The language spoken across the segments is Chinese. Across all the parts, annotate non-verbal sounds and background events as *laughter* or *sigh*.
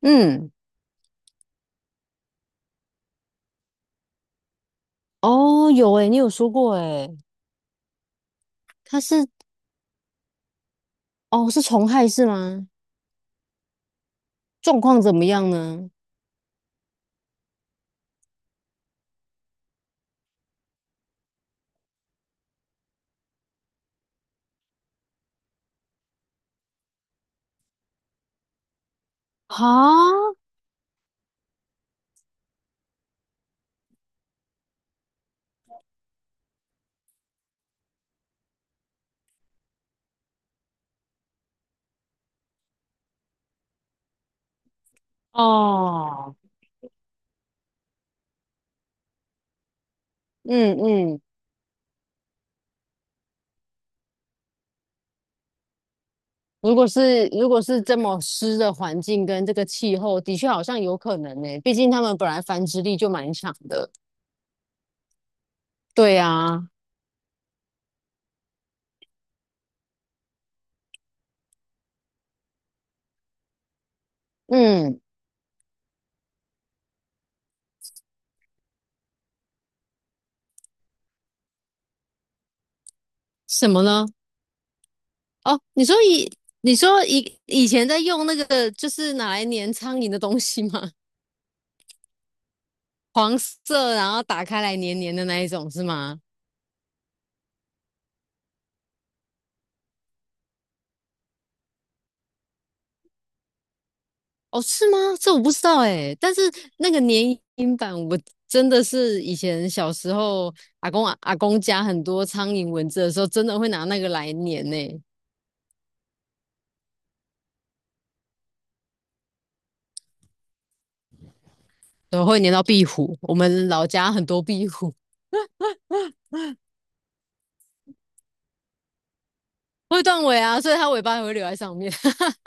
嗯。哦，有诶，你有说过诶。它是哦，是虫害是吗？状况怎么样呢？啊。哦。嗯嗯。如果是这么湿的环境跟这个气候，的确好像有可能呢，毕竟它们本来繁殖力就蛮强的。对啊。嗯。什么呢？哦，你说以前在用那个就是拿来粘苍蝇的东西吗？*laughs* 黄色，然后打开来黏黏的那一种是吗？哦，是吗？这我不知道哎，但是那个粘营版，我真的是以前小时候阿公家很多苍蝇蚊子的时候，真的会拿那个来粘呢。然后会粘到壁虎。我们老家很多壁虎会断尾啊，所以它尾巴也会留在上面。*laughs*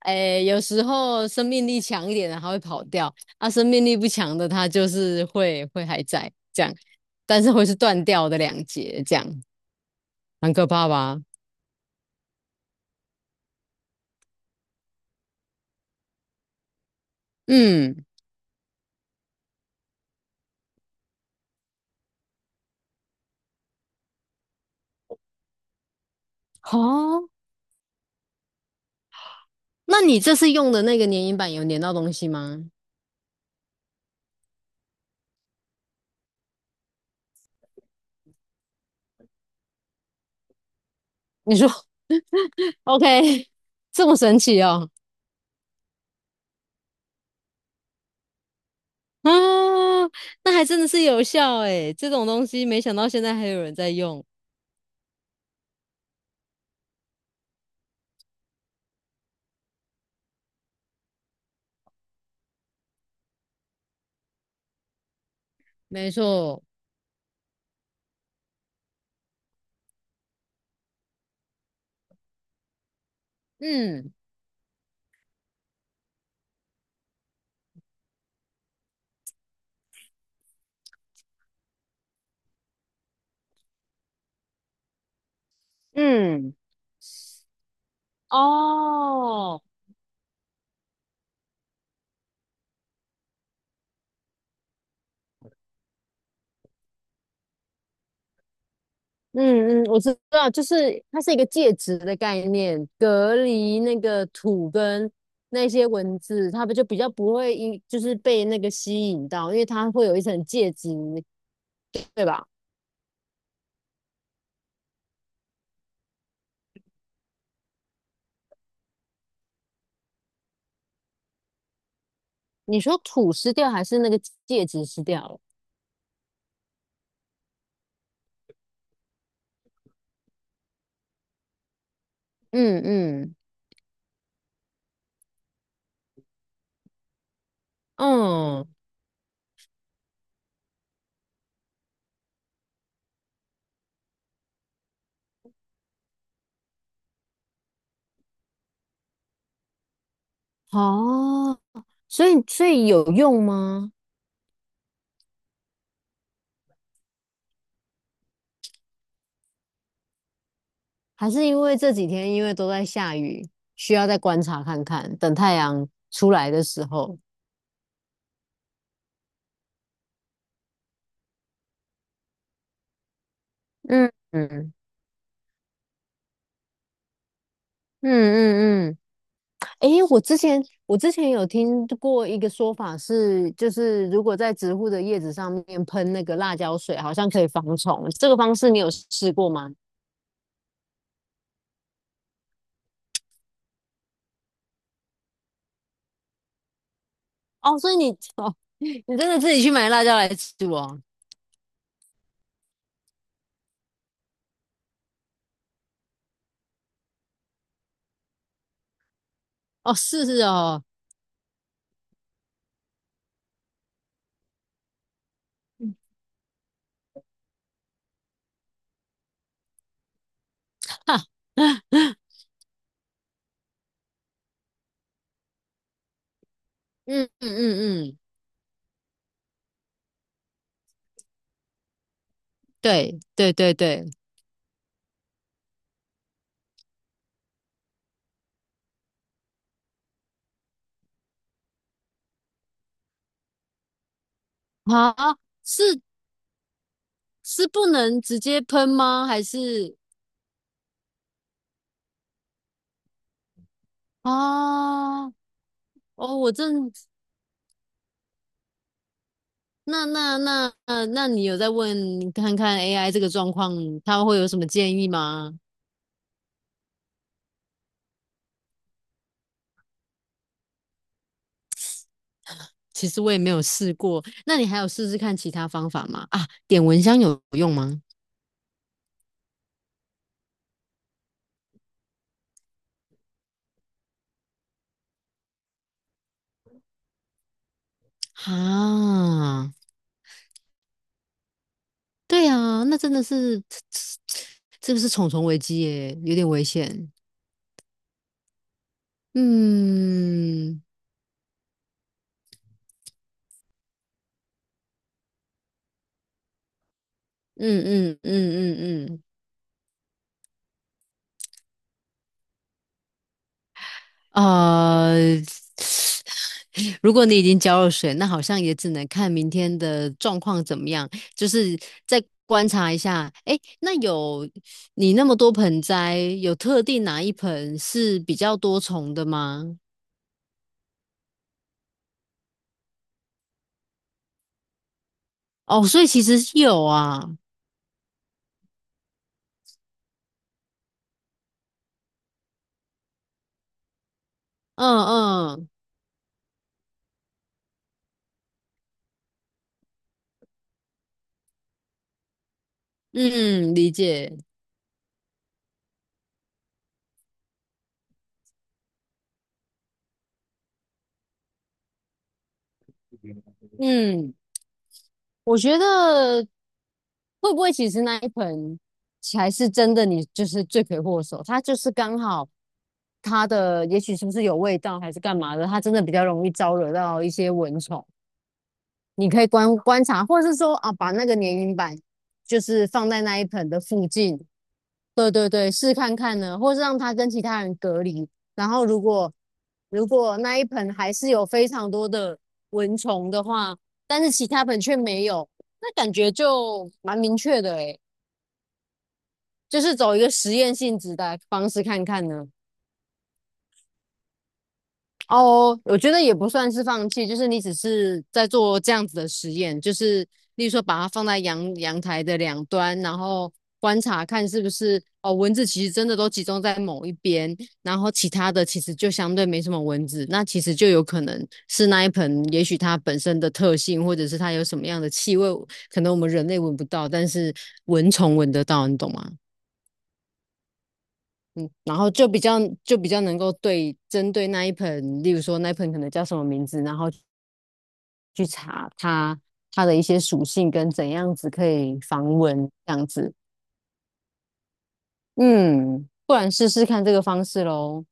哎，有时候生命力强一点的它会跑掉，啊，生命力不强的它就是会还在这样，但是会是断掉的两节这样，很可怕吧？嗯。好。那你这次用的那个粘蝇板有粘到东西吗？你说 OK，*laughs* 这么神奇哦？啊，那还真的是有效诶，这种东西没想到现在还有人在用。没错。嗯嗯。哦。嗯嗯，我知道，就是它是一个介质的概念，隔离那个土跟那些文字，它不就比较不会因就是被那个吸引到，因为它会有一层介质，对吧？你说土湿掉还是那个戒指湿掉了？嗯嗯。嗯。哦，所以所以有用吗？还是因为这几天因为都在下雨，需要再观察看看，等太阳出来的时候。嗯嗯嗯嗯嗯。诶，我之前有听过一个说法是，就是如果在植物的叶子上面喷那个辣椒水，好像可以防虫。这个方式你有试过吗？哦，所以你 *laughs* 你真的自己去买辣椒来煮哦？哦，是是哦。*laughs* 哈。嗯嗯嗯嗯。对对对对。啊，是是不能直接喷吗？还是啊？哦，我正那你有在问看看 AI 这个状况，它会有什么建议吗？其实我也没有试过，那你还有试试看其他方法吗？啊，点蚊香有用吗？啊。对啊，那真的是，*tsk* 这个是重重危机耶，有点危险。嗯嗯嗯嗯嗯嗯。*sniffs* 如果你已经交了水，那好像也只能看明天的状况怎么样，就是再观察一下。诶，那有你那么多盆栽，有特定哪一盆是比较多虫的吗？哦，所以其实是有啊。嗯嗯嗯。理解。嗯。我觉得会不会其实那一盆才是真的你就是罪魁祸首？它就是刚好它的也许是不是有味道还是干嘛的，它真的比较容易招惹到一些蚊虫。你可以观察，或者是说啊，把那个粘蝇板就是放在那一盆的附近，对对对，试看看呢，或是让他跟其他人隔离。然后如果那一盆还是有非常多的蚊虫的话，但是其他盆却没有，那感觉就蛮明确的诶，就是走一个实验性质的方式看看呢。哦，我觉得也不算是放弃，就是你只是在做这样子的实验，就是例如说把它放在阳台的两端，然后观察看是不是哦蚊子其实真的都集中在某一边，然后其他的其实就相对没什么蚊子，那其实就有可能是那一盆，也许它本身的特性，或者是它有什么样的气味，可能我们人类闻不到，但是蚊虫闻得到，你懂吗？然后就比较能够对针对那一盆，例如说那一盆可能叫什么名字，然后去查它的一些属性跟怎样子可以防蚊这样子。嗯，不然试试看这个方式喽。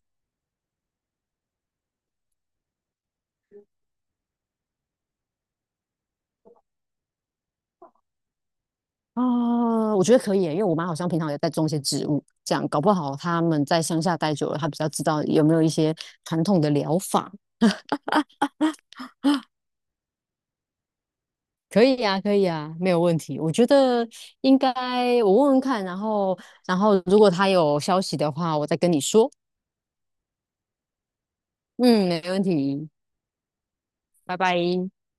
啊，我觉得可以耶因为我妈好像平常也在种一些植物，这样搞不好他们在乡下待久了，她比较知道有没有一些传统的疗法。*laughs* 可以呀、可以呀、没有问题。我觉得应该我问问看，然后如果他有消息的话，我再跟你说。嗯，没问题，拜拜。